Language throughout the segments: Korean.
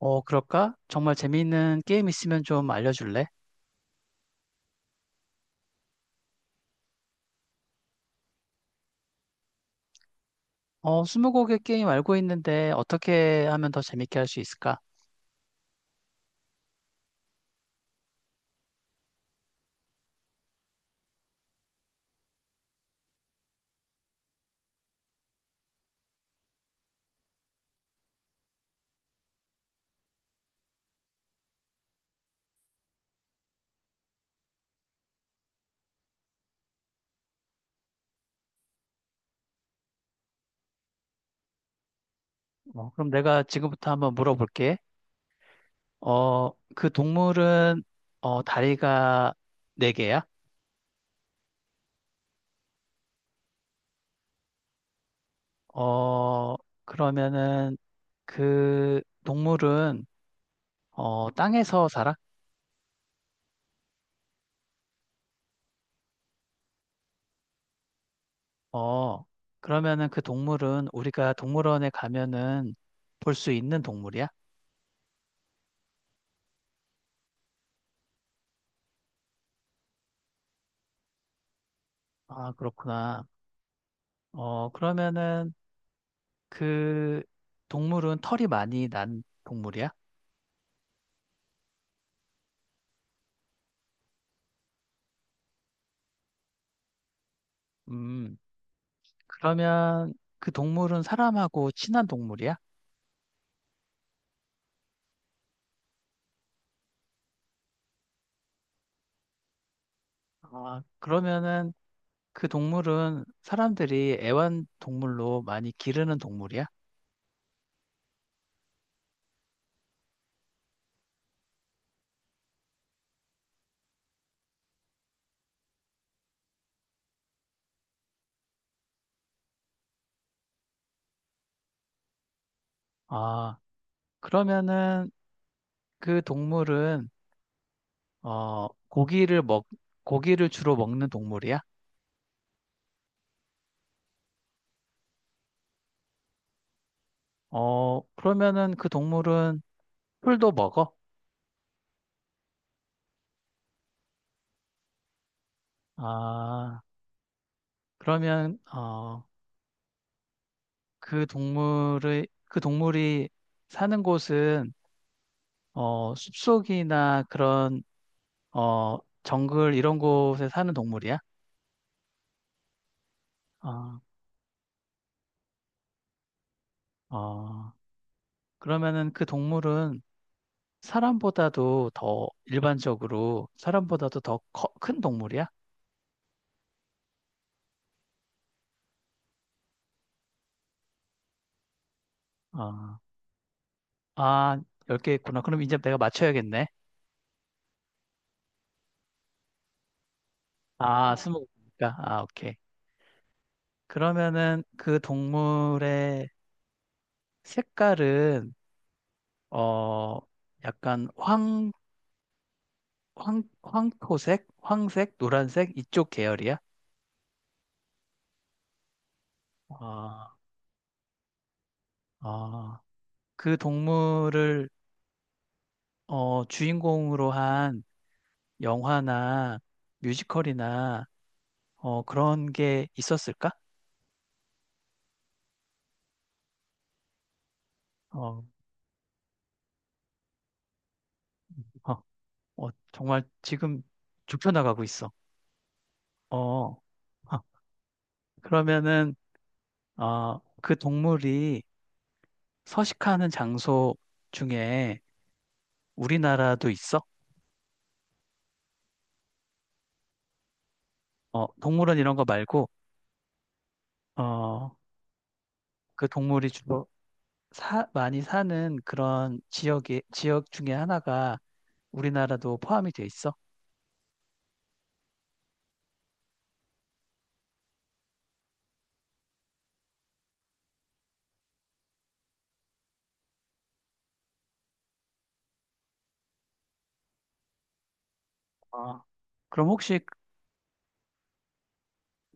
그럴까? 정말 재미있는 게임 있으면 좀 알려줄래? 스무고개 게임 알고 있는데 어떻게 하면 더 재밌게 할 수 있을까? 그럼 내가 지금부터 한번 물어볼게. 그 동물은 다리가 네개야. 어, 그러면은 그 동물은 땅에서 살아? 어, 그러면은 그 동물은 우리가 동물원에 가면은 볼 수 있는 동물이야? 아, 그렇구나. 그러면은 그 동물은 털이 많이 난 동물이야? 음, 그러면 그 동물은 사람하고 친한 동물이야? 아, 그러면은 그 동물은 사람들이 애완동물로 많이 기르는 동물이야? 아, 그러면은 그 동물은 어, 고기를 먹, 고기를 주로 먹는 동물이야? 그러면은 그 동물은 풀도 먹어? 아, 그러면 그 동물의 그 동물이 사는 곳은 숲속이나 그런 정글 이런 곳에 사는 동물이야? 어, 어, 그러면은 그 동물은 사람보다도 더 일반적으로 사람보다도 더 큰 동물이야? 어, 아, 10개 있구나. 그럼 이제 내가 맞춰야겠네. 아, 스무 개니까 아, 오케이. 그러면은 그 동물의 색깔은 어, 약간 황토색, 황색, 노란색 이쪽 계열이야? 아, 아, 그 동물을 주인공으로 한 영화나 뮤지컬이나 그런 게 있었을까? 어, 어, 정말 지금 좁혀나가고 있어. 어, 어. 그러면은 그 동물이 서식하는 장소 중에 우리나라도 있어? 동물원 이런 거 말고 어, 그 동물이 주로 많이 사는 그런 지역 중에 하나가 우리나라도 포함이 돼 있어? 아. 그럼 혹시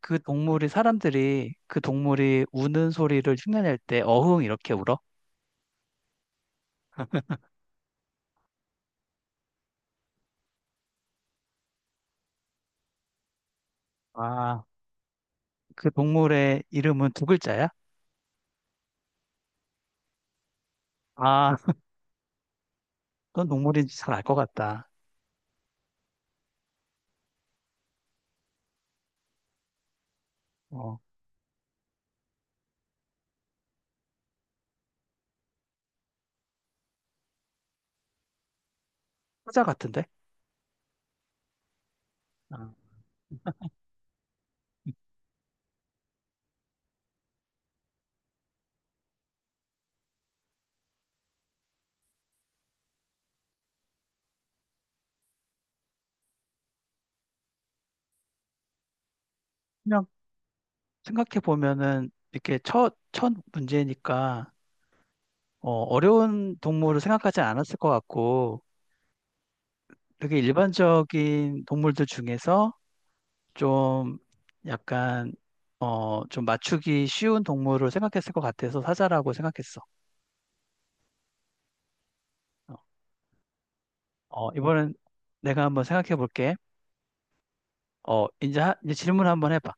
그 동물이 사람들이 그 동물이 우는 소리를 흉내낼 때 어흥 이렇게 울어? 아, 그 동물의 이름은 두 글자야? 아, 어떤 동물인지 잘 알 것 같다. 어, 사자 같은데? 아. 그냥 생각해 보면은 이렇게 첫 문제니까 어려운 동물을 생각하지 않았을 것 같고 되게 일반적인 동물들 중에서 좀 약간 좀 맞추기 쉬운 동물을 생각했을 것 같아서 사자라고 생각했어. 어, 이번엔 내가 한번 생각해 볼게. 이제 질문 한번 해봐.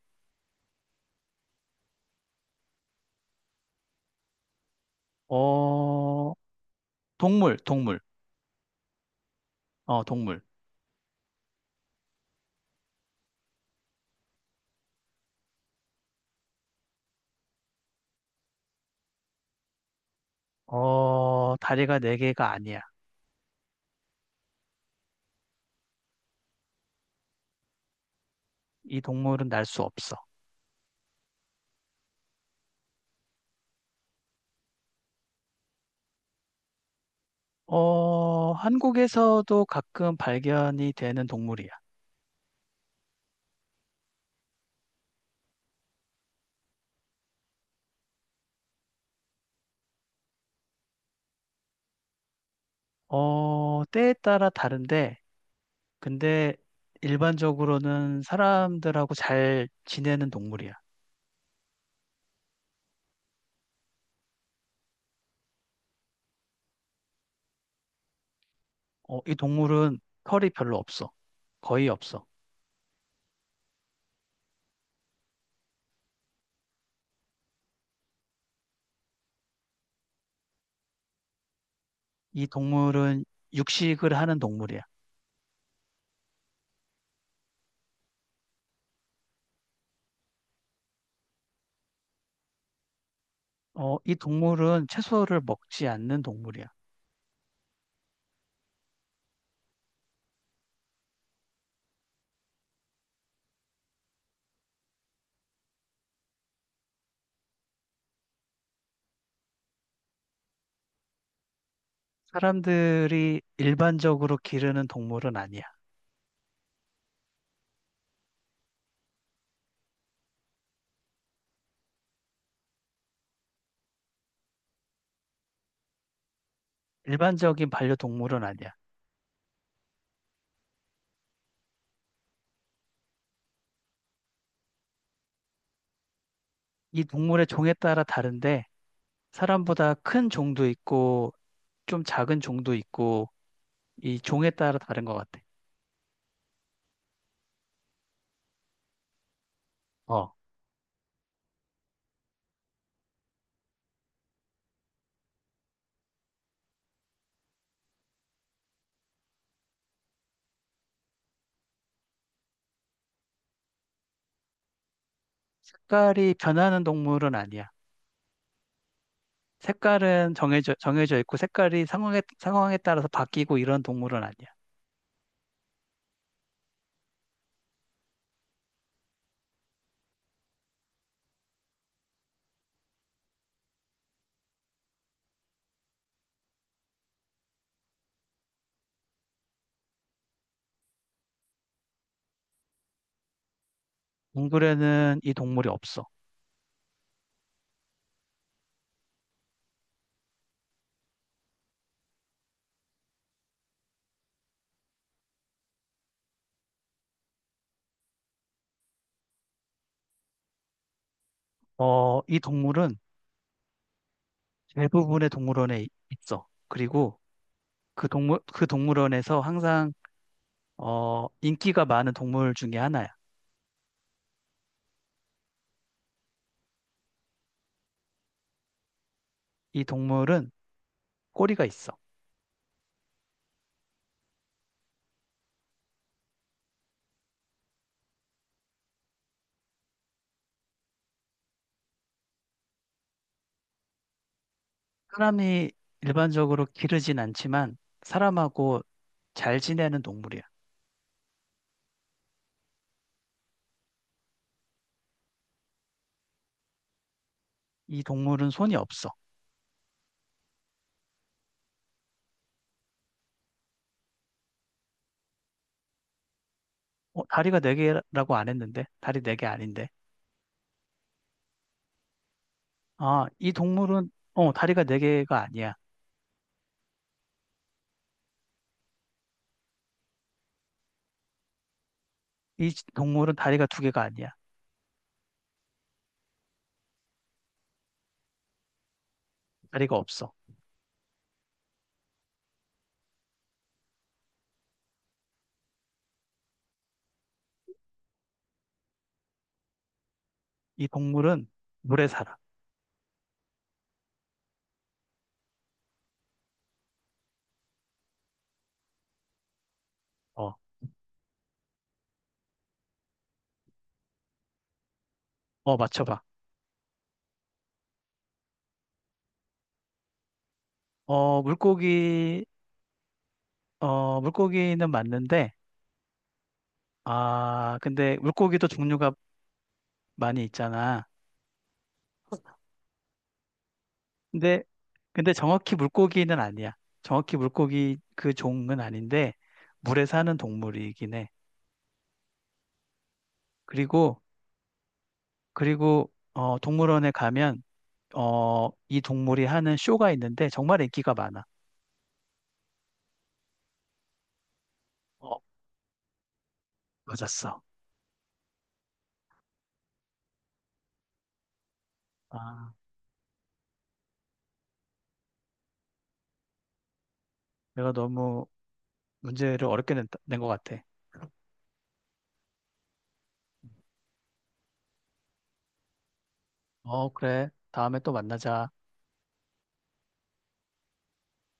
어, 동물, 동물. 동물. 다리가 네 개가 아니야. 이 동물은 날 수 없어. 한국에서도 가끔 발견이 되는 동물이야. 때에 따라 다른데, 근데 일반적으로는 사람들하고 잘 지내는 동물이야. 이 동물은 털이 별로 없어. 거의 없어. 이 동물은 육식을 하는 동물이야. 이 동물은 채소를 먹지 않는 동물이야. 사람들이 일반적으로 기르는 동물은 아니야. 일반적인 반려동물은 아니야. 이 동물의 종에 따라 다른데 사람보다 큰 종도 있고 좀 작은 종도 있고 이 종에 따라 다른 것 같아. 어, 색깔이 변하는 동물은 아니야. 색깔은 정해져 있고 색깔이 상황에 따라서 바뀌고 이런 동물은 아니야. 동굴에는 이 동물이 없어. 이 동물은 대부분의 동물원에 있어. 그리고 그 동물원에서 항상 인기가 많은 동물 중에 하나야. 이 동물은 꼬리가 있어. 사람이 일반적으로 기르진 않지만 사람하고 잘 지내는 동물이야. 이 동물은 손이 없어. 다리가 네 개라고 안 했는데 다리 4개 아닌데. 아, 이 동물은 다리가 네 개가 아니야. 이 동물은 다리가 두 개가 아니야. 다리가 없어. 이 동물은 물에 살아. 어, 어, 맞춰봐. 어, 물고기, 물고기는 맞는데, 아, 근데 물고기도 종류가 많이 있잖아. 근데, 근데 정확히 물고기는 아니야. 정확히 물고기 그 종은 아닌데, 물에 사는 동물이긴 해. 그리고, 그리고, 동물원에 가면, 이 동물이 하는 쇼가 있는데, 정말 인기가 많아. 어, 맞았어. 아, 내가 너무 문제를 어렵게 낸것 같아. 그래. 다음에 또 만나자.